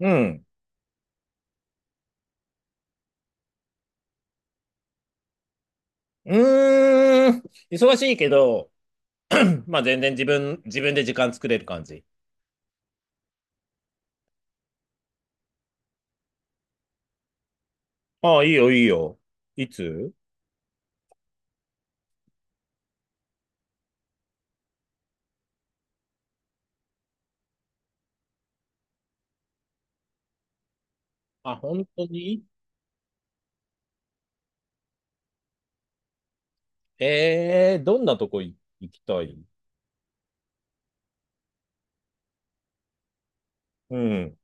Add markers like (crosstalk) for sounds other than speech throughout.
うん。うーん。忙しいけど、(clears throat) まあ全然自分で時間作れる感じ。ああ、いいよ、いいよ。いつ？あ、本当に？ええー、どんなとこい行きたい？うん。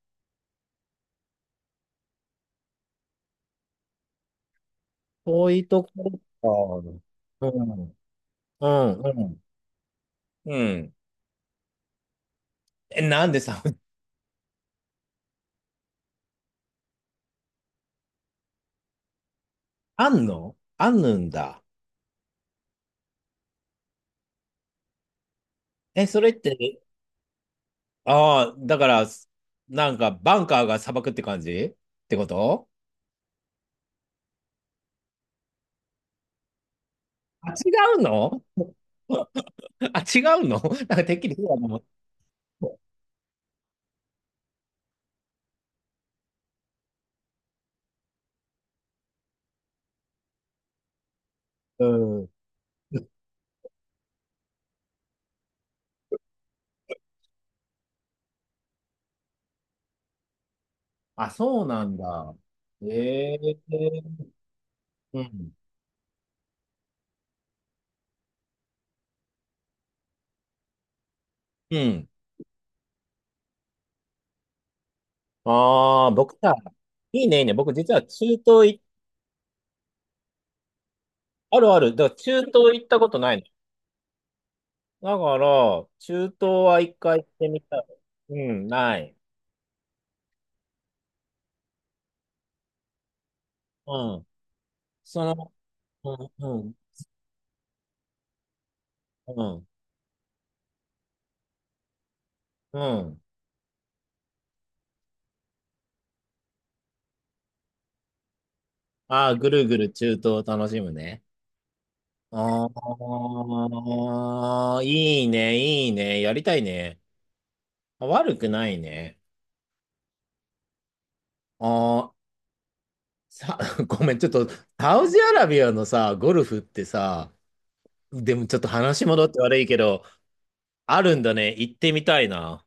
遠いとこか。うん。うん、うん。うん。え、なんでさ？(laughs) あんのあんぬんだ。え、それって、ああ、だから、なんか、バンカーが砂漠って感じってこと？あ違うの (laughs) (laughs) あ、違うの (laughs) なんかてっきりそうだと思った。うん。あ、そうなんだ。ええ、うん。うん。ああ、僕さ、いいね、いいね。僕実は中東い、あるある。だから中東行ったことないの。だから、中東は一回行ってみたい。うん、ない。うん。その、うん、うん、うん、うん。ああ、ぐるぐる中東を楽しむね。ああ、いいね、いいね。やりたいね。まあ悪くないね。ああ、さ、(laughs) ごめん、ちょっと、サウジアラビアのさ、ゴルフってさ、でもちょっと話戻って悪いけど、あるんだね。行ってみたいな。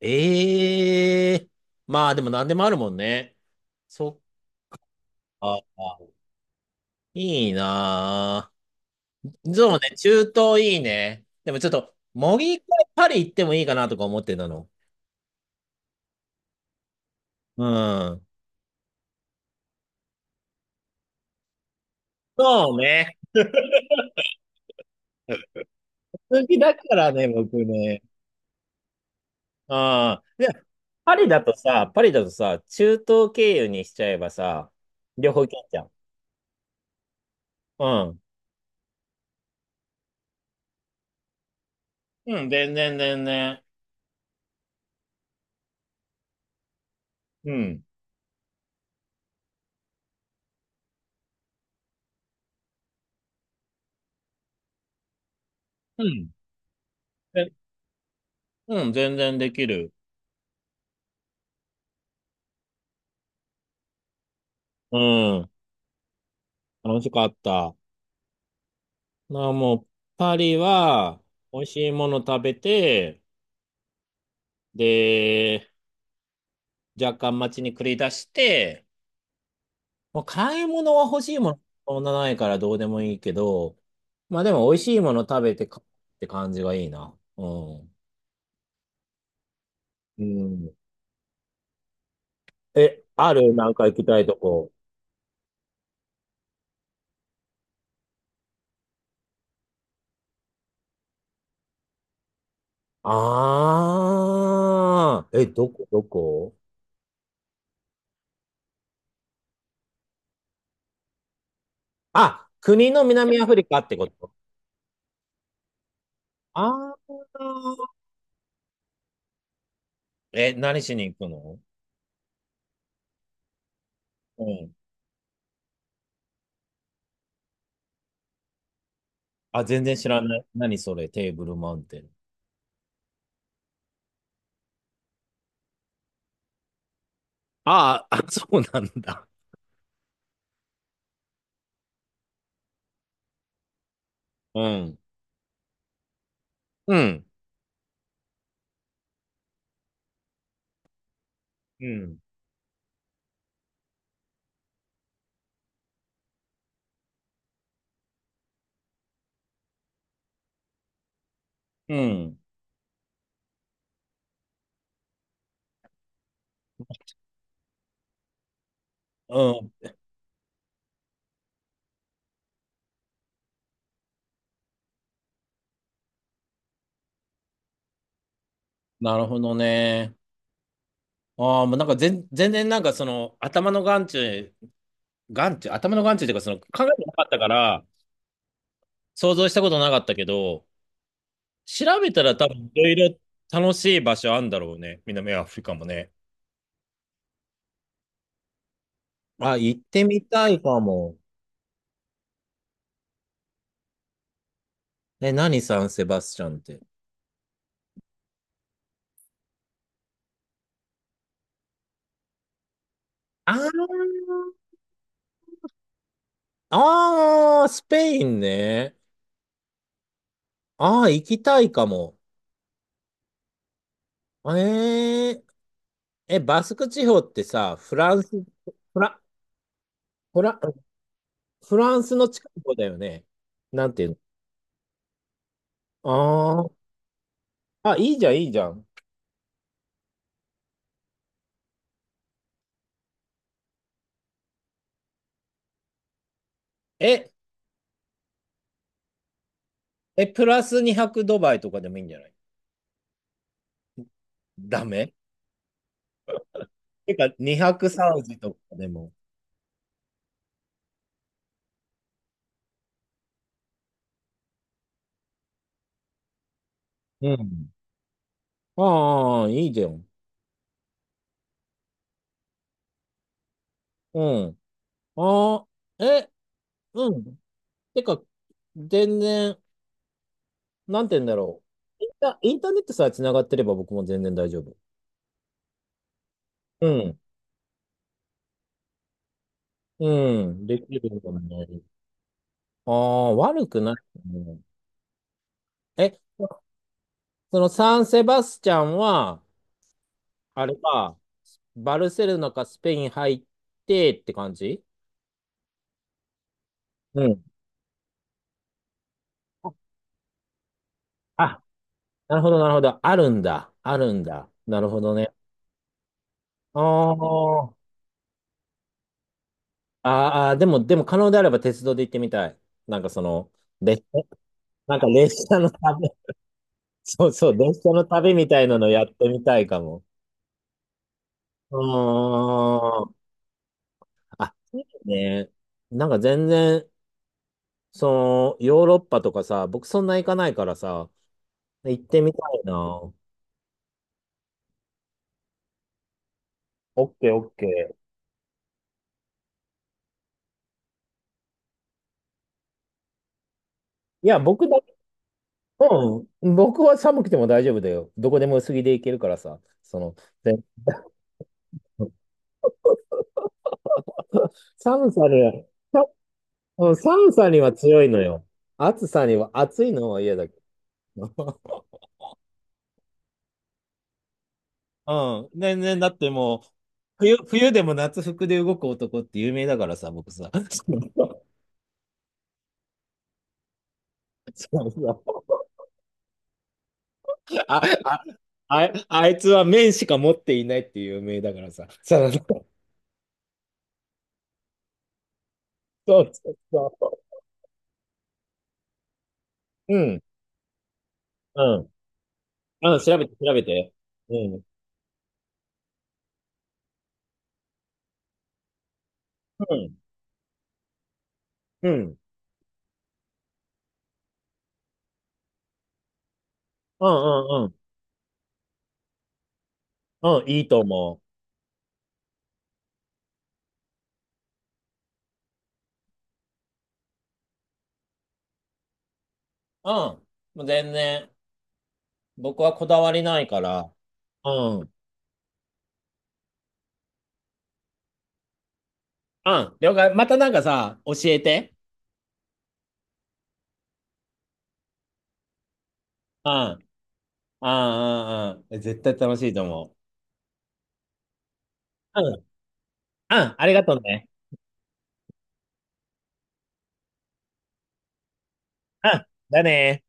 ええ、まあでも何でもあるもんね。そっか。いいなぁ。そうね、中東いいね。でもちょっと、もう一回パリ行ってもいいかなとか思ってたの。うん。そうね。好きだからね、僕ね。ああ。パリだとさ、パリだとさ、中東経由にしちゃえばさ、両方行けんじゃん。うん。うん、全然全然。うん。うん。え、うん、全然できる。うん。楽しかった。まあもう、パリは、美味しいもの食べて、で、若干街に繰り出して、もう買い物は欲しいもの、そんなないからどうでもいいけど、まあでも美味しいもの食べてかって感じがいいな。うん。うん。え、あるなんか行きたいとこ？ああ、え、どこ、どこ？あ、国の南アフリカってこと？ああー、え、何しに行くの？うん。あ、全然知らない。何それ、テーブルマウンテン。あーあ、そうなんだ。うん。うん。うん。うん。うん。なるほどね。ああ、もうなんか全、全然なんかその頭の眼中、眼中、頭の眼中っていうかその考えてなかったから想像したことなかったけど、調べたら多分いろいろ楽しい場所あんだろうね。南アフリカもね。あ、行ってみたいかも。え、何サンセバスチャンって？あー、あー、スペインね。あー、行きたいかも。えー、え、バスク地方ってさ、フランス、フラ、フラ、フランスの近くだよね。なんていうの？あー、あ、いいじゃん、いいじゃん。え、え、プラス200ドバイとかでもいいんじゃない？ダメ？てか、200サウジとかでも。うん。ああ、いいじゃん。うん。ああ、え、うん。てか、全然、なんて言うんだろう。インターネットさえ繋がってれば僕も全然大丈夫。うん。うん。できるもんね。ああ、悪くないね。え、そのサンセバスチャンは、あれか、バルセロナかスペイン入ってって感じ？うん。あ、なるほど、なるほど。あるんだ。あるんだ。なるほどね。あー、あー、でも、でも可能であれば鉄道で行ってみたい。なんかその、列車、なんか列車の旅、(laughs) そうそう、列車の旅みたいなのやってみたいかも。うーん。あ、いいね。なんか全然、その、ヨーロッパとかさ、僕そんな行かないからさ、行ってみたいな。オッケーオッケー。いや、僕だ、うん、僕は寒くても大丈夫だよ。どこでも薄着で行けるからさ、その、で寒さで、うん、寒さには強いのよ。暑さには、暑いのは嫌だけど。(laughs) うん。全然、だってもう、冬でも夏服で動く男って有名だからさ、僕さ。(laughs) そうそうそう (laughs) あ、あ、あ、あいつは麺しか持っていないっていう有名だからさ。そうそうそうそう。うん。うん。うん、調べて、調べて。うん。うん。うん。うん、うん、うん。うん、いいと思う。うん。もう全然、僕はこだわりないから。うん。うん、了解。またなんかさ、教えて。うん、うん、うん、うん。絶対楽しいと思う。うん、うん、ありがとうね。うん、だね